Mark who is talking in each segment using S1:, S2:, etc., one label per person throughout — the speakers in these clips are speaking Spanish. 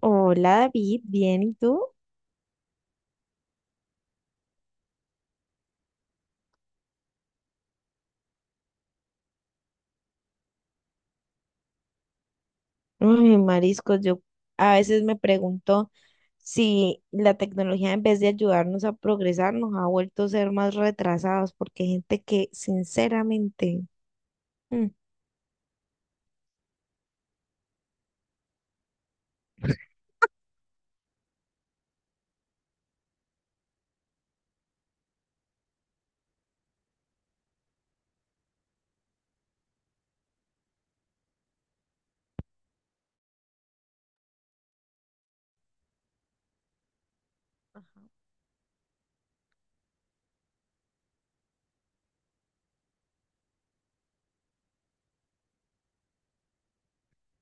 S1: Hola David, bien, ¿y tú? Uy, mariscos, yo a veces me pregunto si la tecnología en vez de ayudarnos a progresar nos ha vuelto a ser más retrasados, porque hay gente que sinceramente... mm,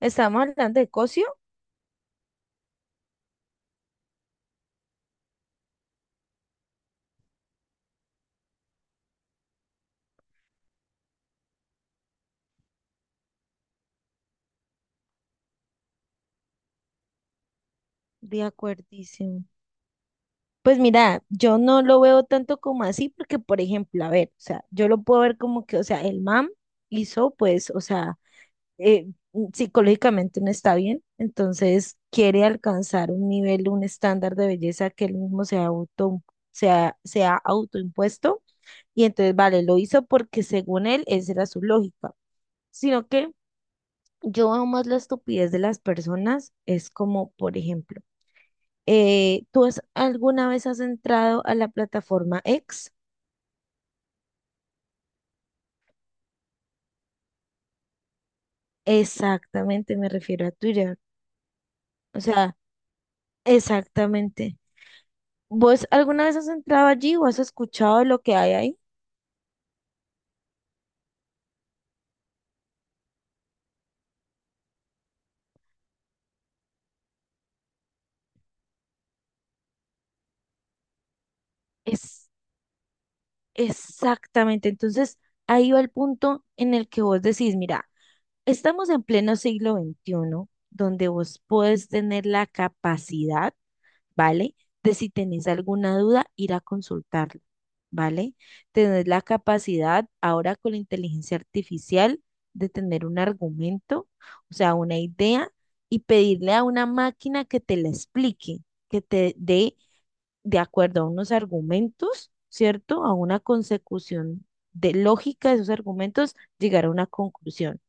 S1: ¿estamos hablando de cocio? De acuerdísimo. Pues mira, yo no lo veo tanto como así, porque por ejemplo, a ver, o sea, yo lo puedo ver como que, o sea, el MAM hizo, pues, o sea eh, psicológicamente no está bien, entonces quiere alcanzar un nivel, un estándar de belleza que él mismo se ha auto, se ha autoimpuesto y entonces, vale, lo hizo porque según él, esa era su lógica, sino que yo veo más la estupidez de las personas, es como, por ejemplo, alguna vez has entrado a la plataforma X? Exactamente, me refiero a Twitter, o sea, exactamente. ¿Vos alguna vez has entrado allí o has escuchado de lo que hay ahí? Es exactamente. Entonces, ahí va el punto en el que vos decís, mira, estamos en pleno siglo XXI donde vos puedes tener la capacidad, ¿vale? De si tenés alguna duda, ir a consultarlo, ¿vale? Tenés la capacidad ahora con la inteligencia artificial de tener un argumento, o sea, una idea, y pedirle a una máquina que te la explique, que te dé de acuerdo a unos argumentos, ¿cierto? A una consecución de lógica de esos argumentos, llegar a una conclusión.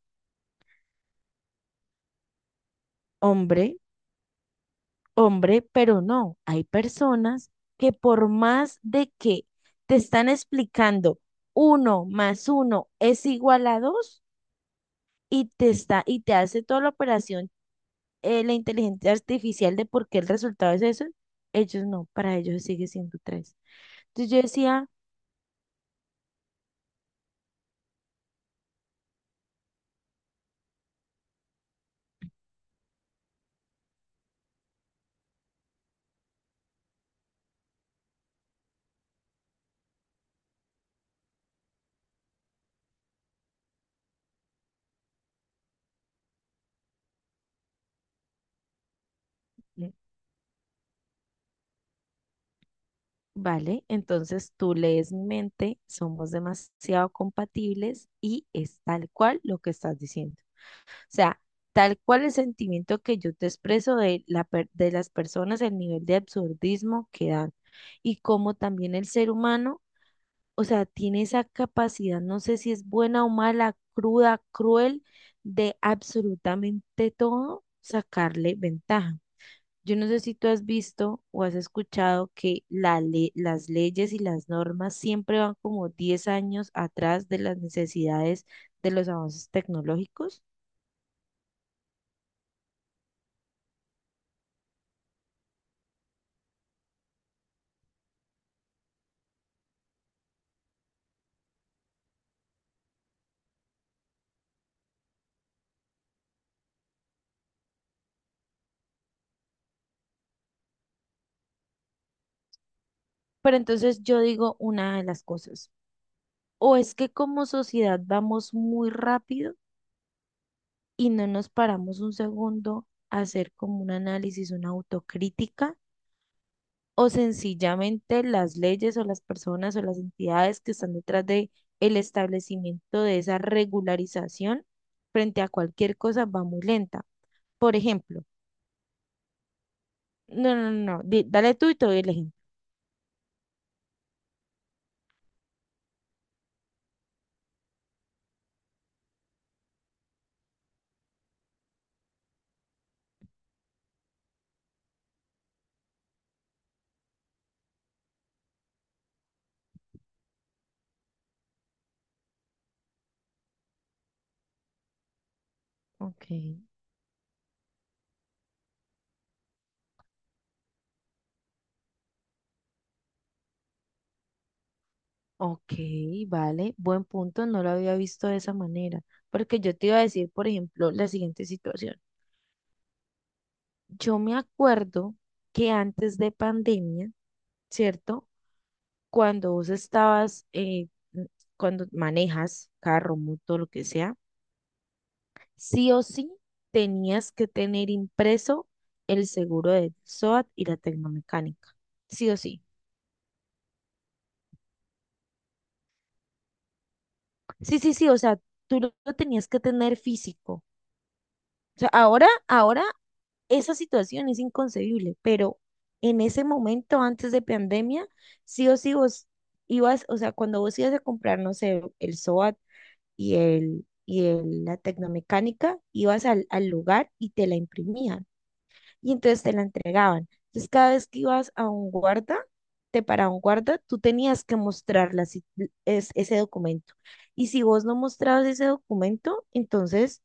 S1: Hombre, hombre, pero no, hay personas que por más de que te están explicando uno más uno es igual a dos y te está y te hace toda la operación, la inteligencia artificial, de por qué el resultado es eso, ellos no, para ellos sigue siendo tres. Entonces yo decía, mm, vale, entonces tú lees mi mente, somos demasiado compatibles y es tal cual lo que estás diciendo. O sea, tal cual el sentimiento que yo te expreso de, de las personas, el nivel de absurdismo que dan y como también el ser humano. O sea, tiene esa capacidad, no sé si es buena o mala, cruda, cruel, de absolutamente todo sacarle ventaja. Yo no sé si tú has visto o has escuchado que las leyes y las normas siempre van como 10 años atrás de las necesidades de los avances tecnológicos. Pero entonces yo digo una de las cosas, o es que como sociedad vamos muy rápido, y no nos paramos un segundo a hacer como un análisis, una autocrítica, o sencillamente las leyes o las personas o las entidades que están detrás de el establecimiento de esa regularización frente a cualquier cosa va muy lenta. Por ejemplo, no, no, no, no, di- dale tú y te doy el ejemplo. Ok, ok, vale, buen punto, no lo había visto de esa manera, porque yo te iba a decir, por ejemplo, la siguiente situación. Yo me acuerdo que antes de pandemia, ¿cierto? Cuando vos estabas, cuando manejas carro, moto, lo que sea, sí o sí tenías que tener impreso el seguro del SOAT y la tecnomecánica. Sí o sí. Sí, sí, sí, o sea, tú lo tenías que tener físico. O sea, ahora esa situación es inconcebible, pero en ese momento, antes de pandemia, sí o sí vos ibas, o sea, cuando vos ibas a comprar, no sé, el SOAT y la tecnomecánica, ibas al lugar y te la imprimían y entonces te la entregaban. Entonces cada vez que ibas a un guarda, te paraba un guarda, tú tenías que mostrar la si- es- ese documento. Y si vos no mostrabas ese documento, entonces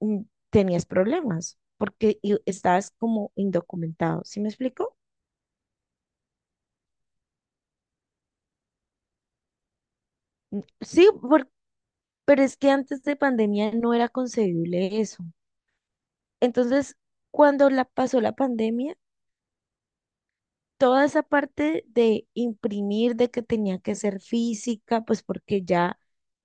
S1: mm, tenías problemas porque estabas como indocumentado. ¿Sí me explico? Mm, sí, pero es que antes de pandemia no era concebible eso. Entonces, cuando la pasó la pandemia, toda esa parte de imprimir, de que tenía que ser física, pues porque ya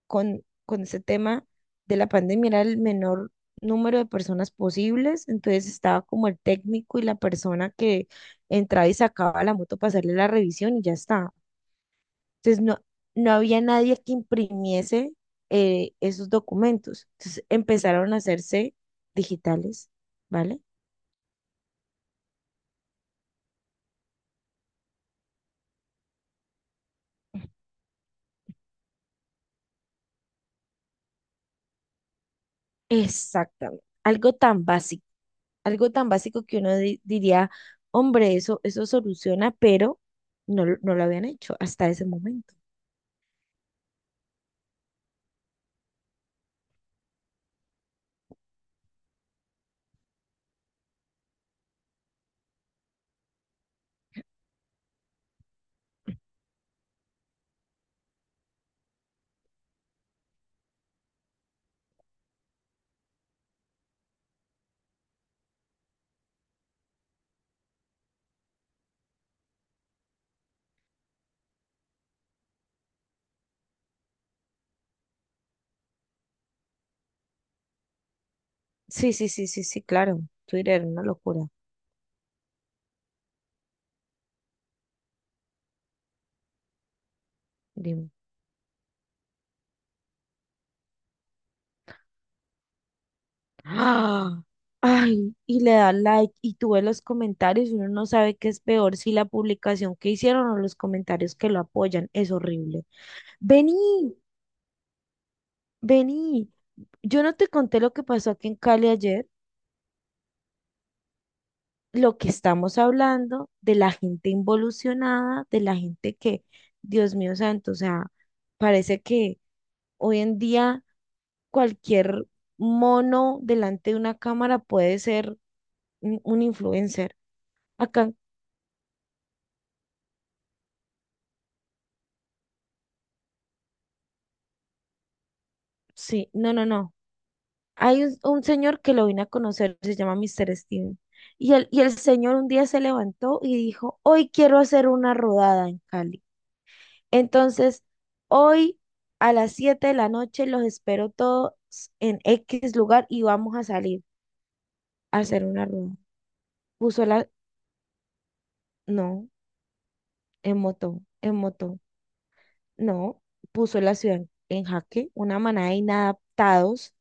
S1: con ese tema de la pandemia era el menor número de personas posibles, entonces estaba como el técnico y la persona que entraba y sacaba la moto para hacerle la revisión y ya está. Entonces no, no había nadie que imprimiese esos documentos. Entonces empezaron a hacerse digitales, ¿vale? Exactamente. Algo tan básico. Algo tan básico que uno diría, hombre, eso soluciona, pero no, no lo habían hecho hasta ese momento. Sí, sí, sí, sí, sí, claro. Twitter, una locura. Dime. ¡Ah! Ay, y le da like y tú ves los comentarios y uno no sabe qué es peor, si la publicación que hicieron o los comentarios que lo apoyan. Es horrible. Vení, vení. Yo no te conté lo que pasó aquí en Cali ayer. Lo que estamos hablando, de la gente involucionada, de la gente que, Dios mío santo, o sea, parece que hoy en día cualquier mono delante de una cámara puede ser un influencer. Acá, sí, no, no, no. Hay un señor que lo vine a conocer, se llama Mister Steven. Y el señor un día se levantó y dijo, hoy quiero hacer una rodada en Cali. Entonces, hoy a las 7 de la noche los espero todos en X lugar y vamos a salir a hacer una rueda. Puso la, no, en moto, no, puso la ciudad en jaque, una manada de inadaptados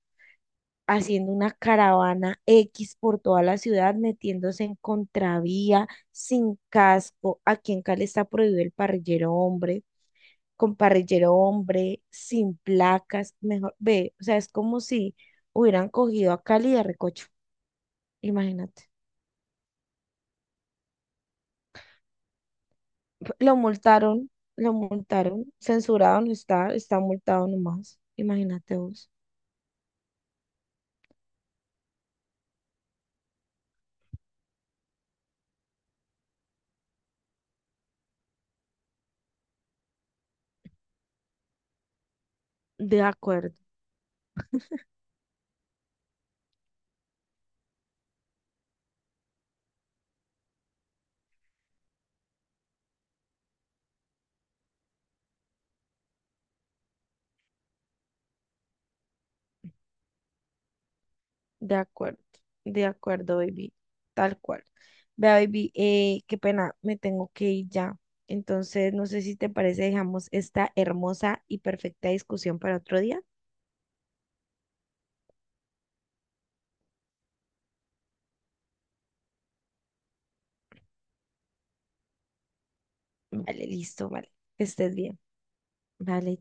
S1: haciendo una caravana X por toda la ciudad, metiéndose en contravía, sin casco. Aquí en Cali está prohibido el parrillero hombre, con parrillero hombre, sin placas, mejor, ve, o sea, es como si hubieran cogido a Cali de recocho, imagínate. Lo multaron, lo multaron, censurado no está, está multado nomás, imagínate vos. De acuerdo, de acuerdo, de acuerdo, baby, tal cual. Vea, baby, qué pena, me tengo que ir ya. Entonces, no sé si te parece, dejamos esta hermosa y perfecta discusión para otro día. Vale, listo, vale. Que estés bien. Vale.